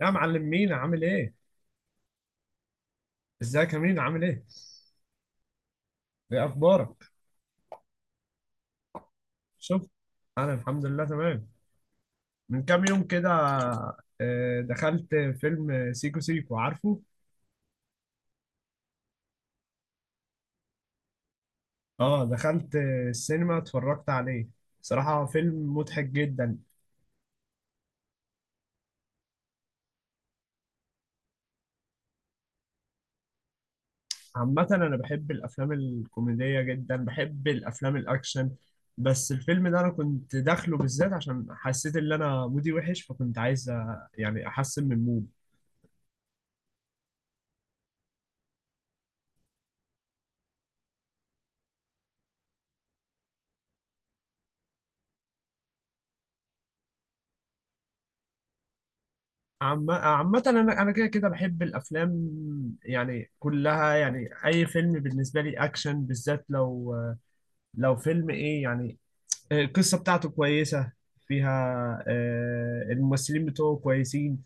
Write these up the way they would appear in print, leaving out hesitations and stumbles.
يا معلم، مين عامل ايه؟ ازيك يا مين عامل ايه؟ ايه اخبارك؟ شفت. انا الحمد لله تمام. من كام يوم كده، دخلت فيلم سيكو سيكو، عارفه؟ اه دخلت السينما، اتفرجت عليه. صراحة فيلم مضحك جدا. عامة انا بحب الافلام الكوميدية جدا، بحب الافلام الاكشن. بس الفيلم ده انا كنت داخله بالذات عشان حسيت ان انا مودي وحش، فكنت عايز يعني احسن من مودي. عامة، أنا كده كده بحب الأفلام. يعني كلها، يعني أي فيلم بالنسبة لي أكشن، بالذات لو فيلم إيه يعني. القصة بتاعته كويسة، فيها الممثلين بتوعه كويسين.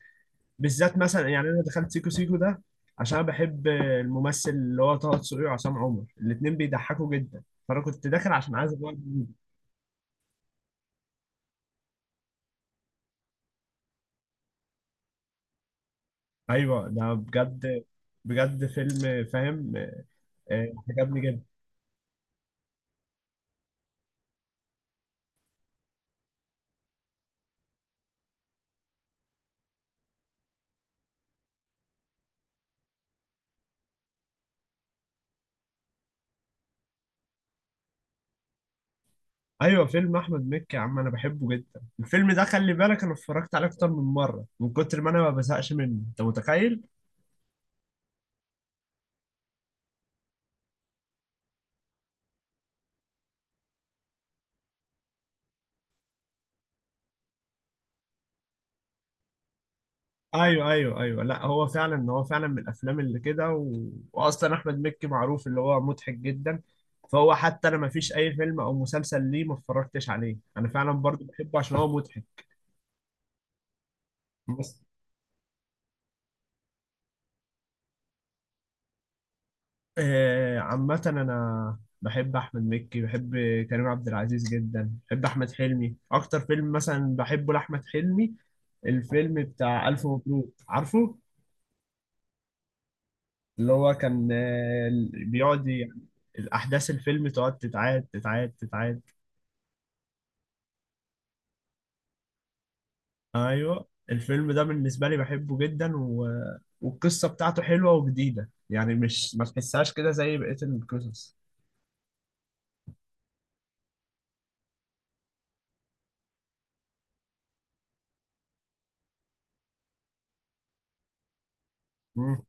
بالذات مثلا يعني أنا دخلت سيكو سيكو ده عشان أنا بحب الممثل اللي هو طه دسوقي وعصام عمر، الاتنين بيضحكوا جدا. فأنا كنت داخل عشان عايز أبقى. أيوه ده بجد. بجد فيلم فاهم. عجبني جدا. ايوه فيلم احمد مكي يا عم، انا بحبه جدا. الفيلم ده خلي بالك انا اتفرجت عليه اكتر من مره، من كتر ما انا ما بزهقش منه، انت متخيل. ايوه ايوه ايوه، لا هو فعلا من الافلام اللي كده، واصلا احمد مكي معروف اللي هو مضحك جدا. فهو حتى انا ما فيش اي فيلم او مسلسل ليه ما اتفرجتش عليه، انا فعلا برضو بحبه عشان هو مضحك. بس عامة أنا بحب أحمد مكي، بحب كريم عبد العزيز جدا، بحب أحمد حلمي. أكتر فيلم مثلا بحبه لأحمد حلمي الفيلم بتاع ألف مبروك، عارفه؟ اللي هو كان بيقعد، يعني الأحداث الفيلم تقعد تتعاد تتعاد تتعاد. أيوه الفيلم ده بالنسبة لي بحبه جدا، والقصة بتاعته حلوة وجديدة، يعني مش ما تحسهاش كده زي بقية القصص. مم.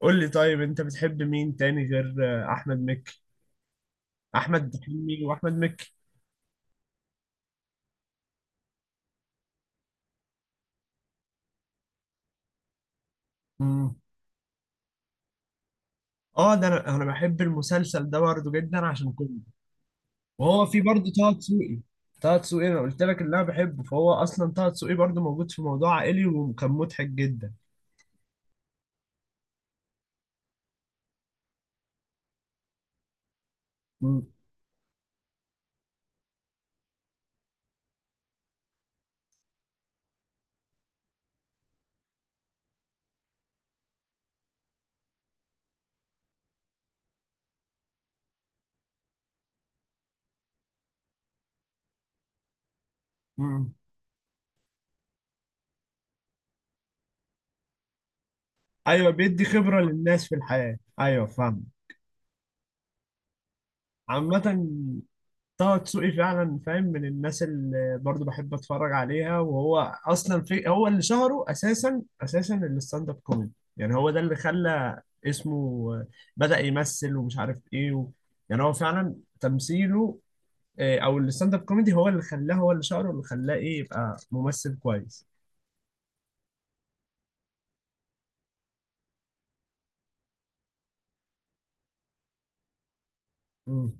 قول لي طيب، أنت بتحب مين تاني غير أحمد مكي؟ احمد حلمي واحمد مكي. مم. اه ده انا بحب المسلسل ده برضه جدا عشان كله، وهو في برضه طه دسوقي. طه دسوقي انا قلت لك اللي انا بحبه، فهو اصلا طه دسوقي برضه موجود في موضوع عائلي وكان مضحك جدا. مم. مم. ايوه بيدي خبرة للناس في الحياة، ايوه فاهم. عامة طه دسوقي فعلا فاهم، من الناس اللي برضو بحب اتفرج عليها، وهو اصلا في هو اللي شهره اساسا الستاند اب كوميدي، يعني هو ده اللي خلى اسمه. بدأ يمثل ومش عارف ايه، يعني هو فعلا تمثيله او الستاند اب كوميدي هو اللي خلاه، هو اللي شهره، اللي خلاه ايه يبقى ممثل كويس. مم.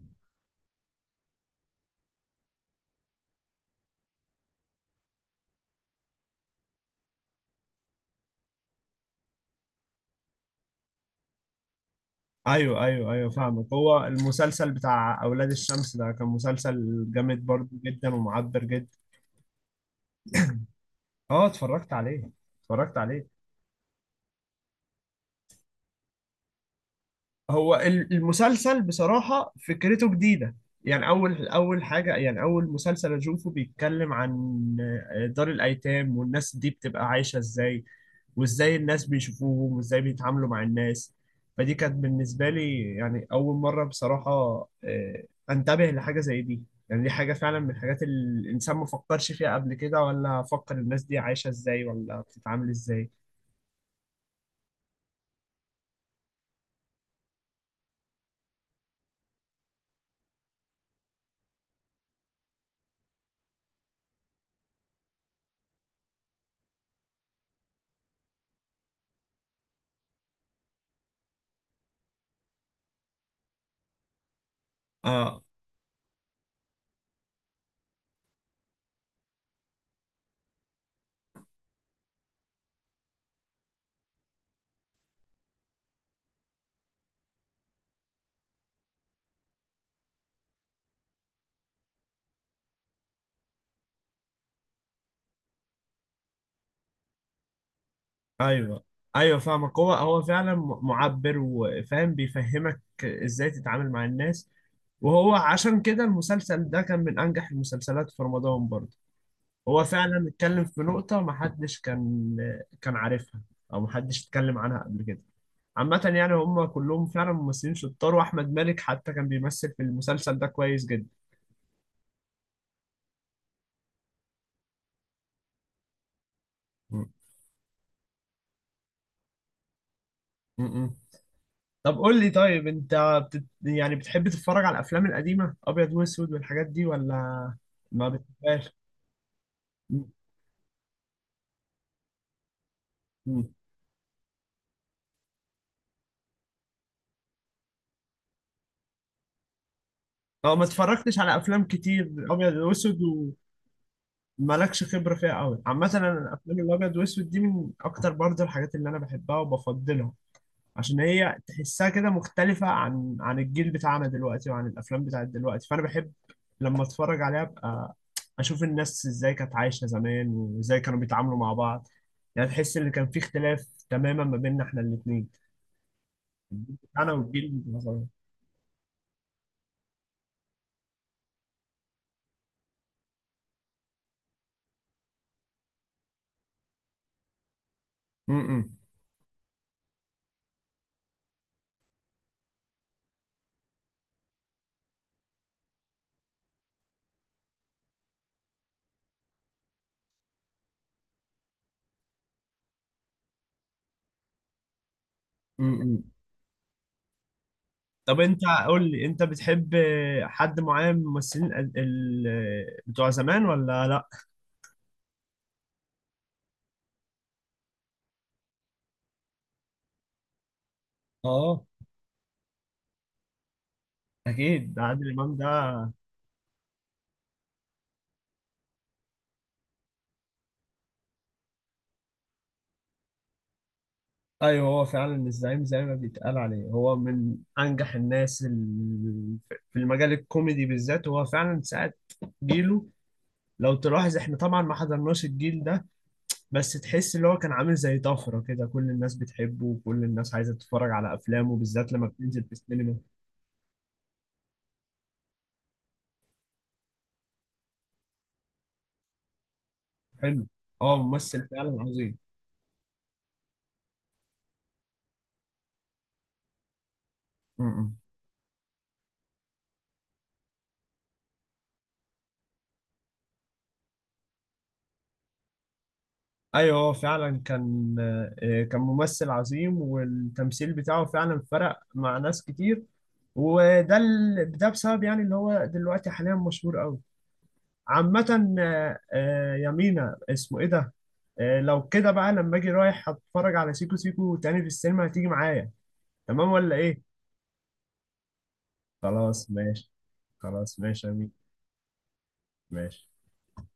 ايوه ايوه ايوه، فاهمك. هو المسلسل بتاع اولاد الشمس ده كان مسلسل جامد برضو جدا، ومعبر جدا. اه اتفرجت عليه، اتفرجت عليه. هو المسلسل بصراحة فكرته جديدة. يعني أول أول حاجة، يعني أول مسلسل أشوفه بيتكلم عن دار الأيتام، والناس دي بتبقى عايشة إزاي، وإزاي الناس بيشوفوهم، وإزاي بيتعاملوا مع الناس. فدي كانت بالنسبة لي يعني أول مرة بصراحة آه، أنتبه لحاجة زي دي. يعني دي حاجة فعلا من الحاجات اللي الإنسان ما فكرش فيها قبل كده، ولا فكر الناس دي عايشة إزاي، ولا بتتعامل إزاي. آه، ايوه ايوه فاهمك. هو فعلا معبر وفاهم، بيفهمك ازاي تتعامل مع الناس. وهو عشان كده المسلسل ده كان من انجح المسلسلات في رمضان برضه. هو فعلا اتكلم في نقطة محدش كان عارفها، او محدش اتكلم عنها قبل كده. عامة يعني هم كلهم فعلا ممثلين شطار، واحمد مالك حتى كان بيمثل في المسلسل ده كويس جدا. م- م- م. طب قول لي طيب، انت يعني بتحب تتفرج على الافلام القديمه ابيض واسود والحاجات دي، ولا ما بتحبهاش؟ م- م. اه ما اتفرجتش على افلام كتير ابيض واسود، ومالكش خبره فيها قوي. عامه انا الافلام الابيض واسود دي من اكتر برضه الحاجات اللي انا بحبها وبفضلها، عشان هي تحسها كده مختلفة عن الجيل بتاعنا دلوقتي، وعن الأفلام بتاعت دلوقتي. فأنا بحب لما أتفرج عليها أبقى أشوف الناس إزاي كانت عايشة زمان، وإزاي كانوا بيتعاملوا مع بعض. يعني تحس إن كان في اختلاف تماما ما بيننا إحنا الاتنين، الجيل بتاعنا والجيل بتاعنا. م-م. م-م. طب أنت قول لي، أنت بتحب حد معين من الممثلين بتوع زمان ولا لأ؟ اه اكيد ده عادل إمام ده. ايوه هو فعلا الزعيم زي ما بيتقال عليه، هو من انجح الناس في المجال الكوميدي بالذات. هو فعلا ساعة جيله، لو تلاحظ احنا طبعا ما حضرناش الجيل ده. بس تحس اللي هو كان عامل زي طفرة كده، كل الناس بتحبه وكل الناس عايزة تتفرج على افلامه بالذات لما بتنزل في السينما. حلو. اه ممثل فعلا عظيم. م. ايوه هو فعلا كان ممثل عظيم. والتمثيل بتاعه فعلا فرق مع ناس كتير. ده بسبب يعني اللي هو دلوقتي حاليا مشهور قوي. عامة يمينة اسمه ايه ده؟ لو كده بقى لما اجي رايح هتفرج على سيكو سيكو تاني في السينما، هتيجي معايا؟ تمام ولا ايه؟ خلاص ماشي. خلاص ماشي يا مين. ماشي.